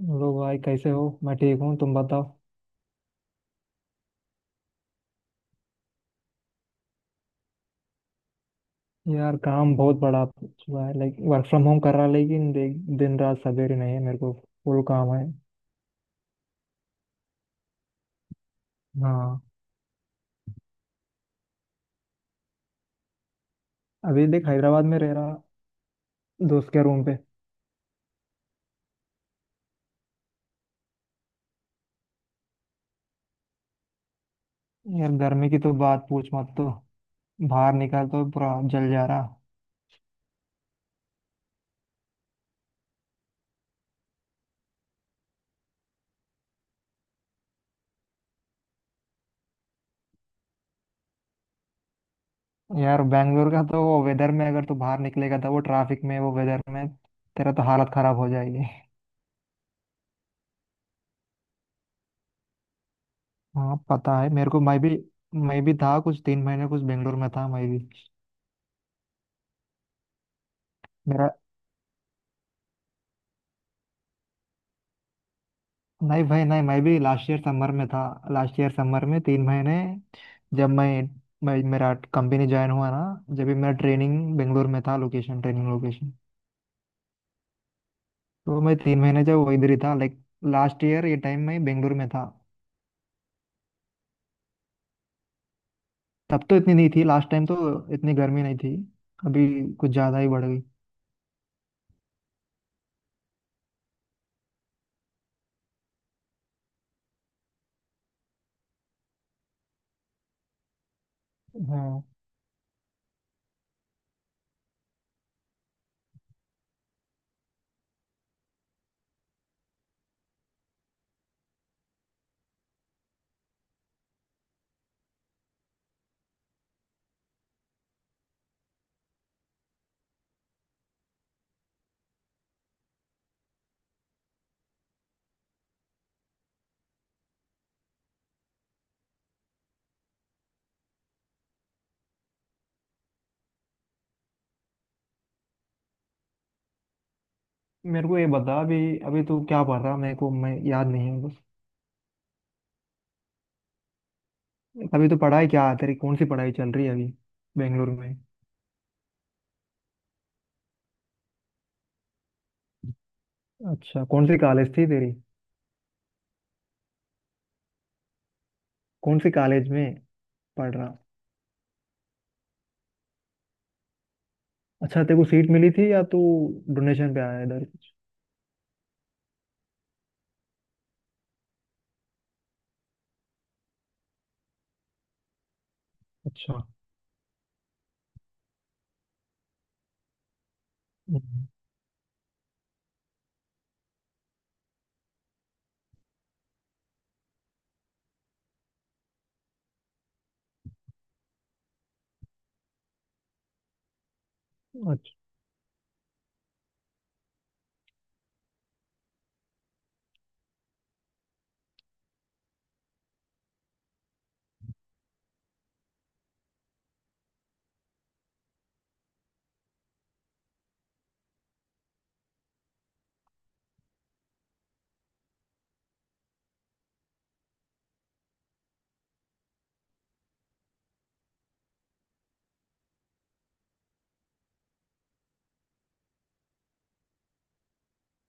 Hello भाई, कैसे हो? मैं ठीक हूँ। तुम बताओ। यार, काम बहुत बड़ा हुआ है। लाइक वर्क फ्रॉम होम कर रहा, लेकिन दिन रात सवेरे नहीं है मेरे को। फुल काम है। हाँ। अभी देख, हैदराबाद में रह रहा, दोस्त के रूम पे। यार, गर्मी की तो बात पूछ मत तो। बाहर निकल तो पूरा जल जा रहा। यार, बैंगलोर का तो वो वेदर में अगर तू बाहर निकलेगा, तो वो ट्रैफिक में, वो वेदर में, तेरा तो हालत खराब हो जाएगी। हाँ, पता है मेरे को। मैं भी था कुछ 3 महीने कुछ, बेंगलोर में था मैं भी। मेरा नहीं भाई, नहीं, मैं भी लास्ट ईयर समर में था। लास्ट ईयर समर में 3 महीने। जब मैं मेरा कंपनी ज्वाइन हुआ ना। जब भी मेरा ट्रेनिंग बेंगलोर में था, लोकेशन, ट्रेनिंग लोकेशन। तो मैं 3 महीने जब वो इधर ही था, लाइक लास्ट ईयर ये टाइम मैं बेंगलोर में था। तब तो इतनी नहीं थी लास्ट टाइम तो। इतनी गर्मी नहीं थी। अभी कुछ ज़्यादा ही बढ़ गई। हाँ, मेरे को ये बता। अभी अभी तू क्या पढ़ रहा, मेरे को मैं याद नहीं है बस। अभी तो पढ़ाई क्या है तेरी? कौन सी पढ़ाई चल रही है अभी, बेंगलोर में? अच्छा, कौन सी कॉलेज थी तेरी? कौन से कॉलेज में पढ़ रहा? अच्छा, तेरे को सीट मिली थी, या तू डोनेशन पे आया इधर कुछ? अच्छा। हम्म।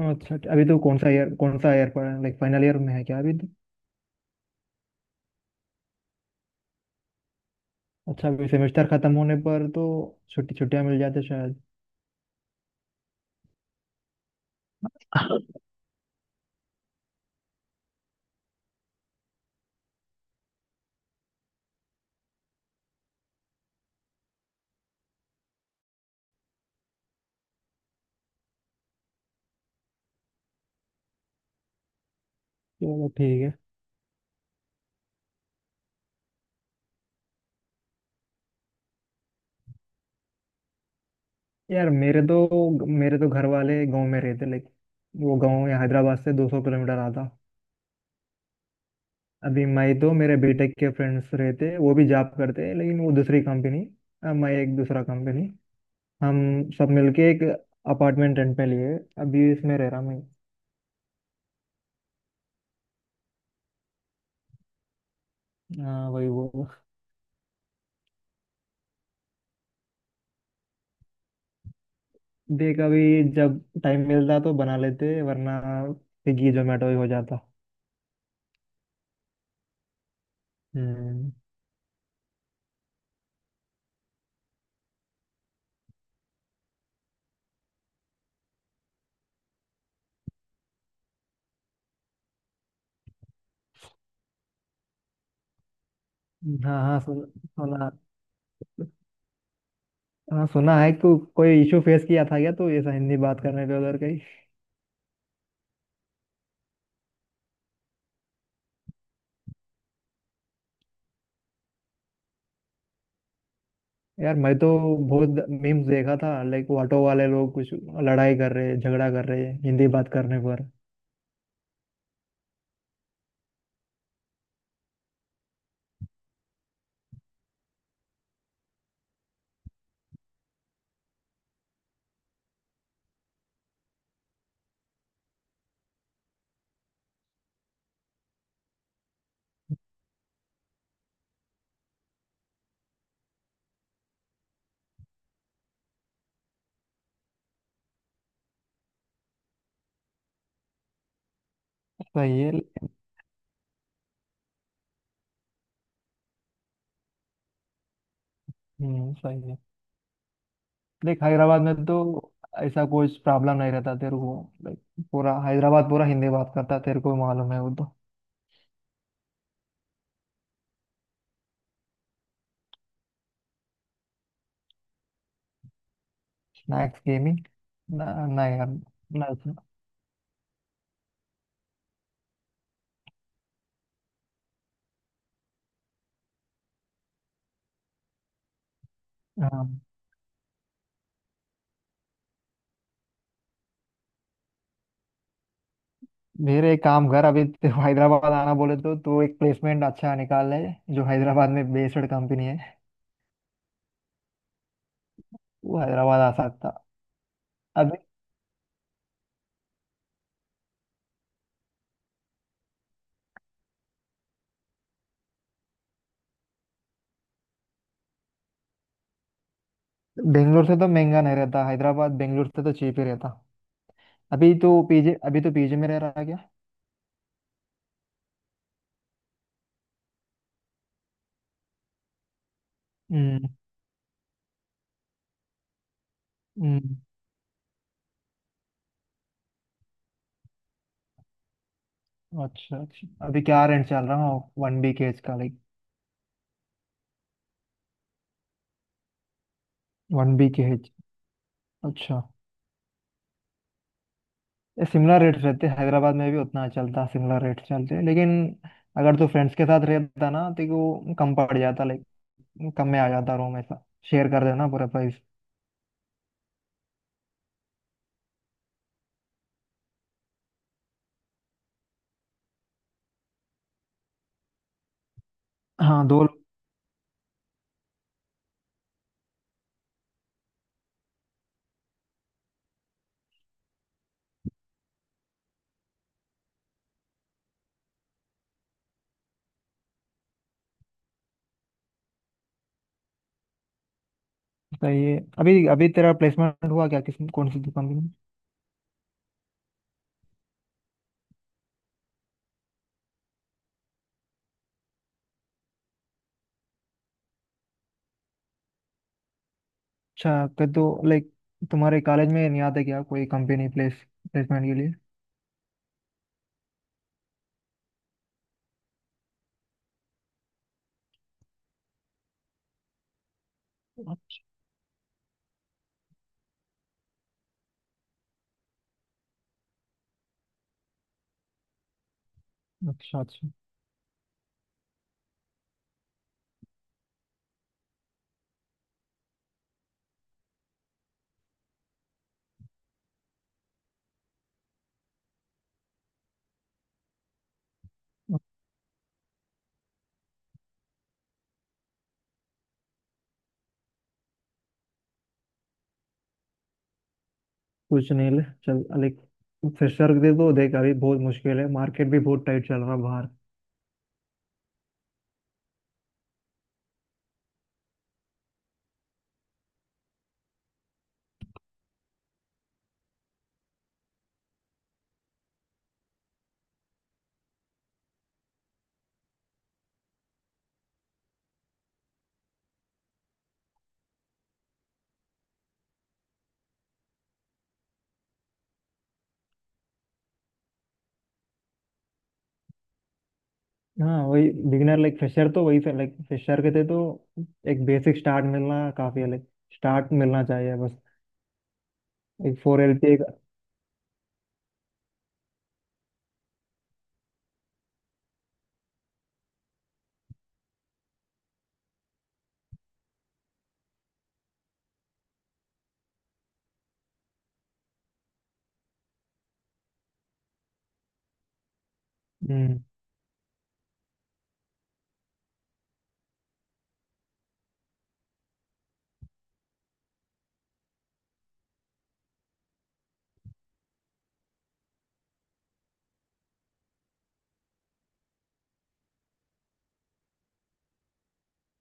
अच्छा अच्छा, अभी तो कौन सा ईयर, कौन सा ईयर पढ़, लाइक फाइनल ईयर में है क्या अभी तो? अच्छा, अभी सेमेस्टर खत्म होने पर तो छुट्टी छुट्टियां मिल जाते शायद। चलो ठीक है। यार, मेरे तो घर वाले गांव में रहते, लाइक वो गांव यहाँ हैदराबाद से 200 किलोमीटर आता। अभी मैं तो, मेरे बीटेक के फ्रेंड्स रहते, वो भी जॉब करते लेकिन वो दूसरी कंपनी, मैं एक दूसरा कंपनी। हम सब मिलके एक अपार्टमेंट रेंट पे लिए। अभी इसमें रह रहा मैं। हाँ, वही वो। देख, अभी जब टाइम मिलता तो बना लेते, वरना स्विगी जोमेटो ही हो जाता। हम्म। हाँ हाँ, सुना। हाँ सुना है। कोई इशू फेस किया था क्या तो, ऐसा हिंदी बात करने पे उधर कहीं? यार, मैं तो बहुत मीम्स देखा था, लाइक ऑटो वाले लोग कुछ लड़ाई कर रहे, झगड़ा कर रहे हिंदी बात करने पर। सही है। हम्म, सही है। देख, हैदराबाद में तो ऐसा कोई प्रॉब्लम नहीं रहता तेरे को। लाइक पूरा हैदराबाद पूरा हिंदी बात करता, तेरे को भी मालूम है वो तो। Snacks gaming? ना, ना यार, ना ऐसा। हाँ। मेरे, एक काम कर। अभी तेरे को हैदराबाद आना बोले तो तू एक प्लेसमेंट अच्छा निकाल ले, जो हैदराबाद में बेस्ड कंपनी है। वो हैदराबाद आ सकता। अभी बेंगलोर से तो महंगा नहीं रहता हैदराबाद, बेंगलोर से तो चीप ही रहता। अभी तो पीजे में रह रहा है क्या? हम्म। हम्म, अच्छा अच्छा, अभी क्या रेंट चल रहा है 1 BHK का, लाइक 1 BHK? अच्छा। ये सिमिलर रेट्स रहते हैं हैदराबाद में भी, उतना चलता। सिमिलर रेट्स चलते हैं, लेकिन अगर तू फ्रेंड्स के साथ रहता ना, तो वो कम पड़ जाता। लाइक कम में आ जाता रूम, ऐसा शेयर कर देना पूरा प्राइस। हाँ, दो लोग। सही है। अभी अभी तेरा प्लेसमेंट हुआ क्या? किस कौन सी कंपनी में? अच्छा, तो लाइक तुम्हारे कॉलेज में नहीं आता क्या कोई कंपनी प्लेसमेंट के लिए? अच्छा अच्छा। कुछ नहीं ले, चल लाइक फ्रेशर दे दो देख, अभी बहुत मुश्किल है, मार्केट भी बहुत टाइट चल रहा है बाहर। हाँ वही, बिगिनर, लाइक फ्रेशर तो वही, लाइक फ्रेशर के थे तो एक बेसिक स्टार्ट मिलना काफी है, लाइक स्टार्ट मिलना चाहिए बस। एक 4 LP एक। हम्म।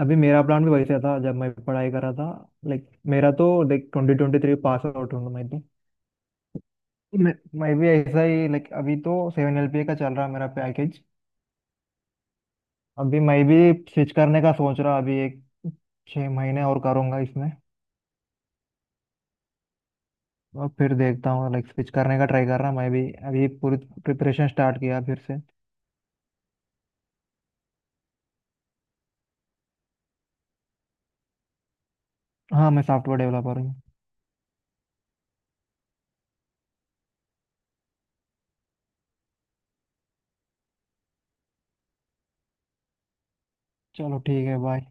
अभी मेरा प्लान भी वैसे था जब मैं पढ़ाई कर रहा था, लाइक मेरा तो लाइक 2023 पास आउट हूँ मैं तो। मैं मैं भी ऐसा ही। लाइक अभी तो 7 LP का चल रहा है मेरा पैकेज। अभी मैं भी स्विच करने का सोच रहा, अभी एक 6 महीने और करूँगा इसमें। और फिर देखता हूँ, लाइक स्विच करने का ट्राई कर रहा मैं भी। अभी पूरी प्रिपरेशन स्टार्ट किया फिर से। हाँ, मैं सॉफ्टवेयर डेवलपर हूँ। चलो, ठीक है। बाय।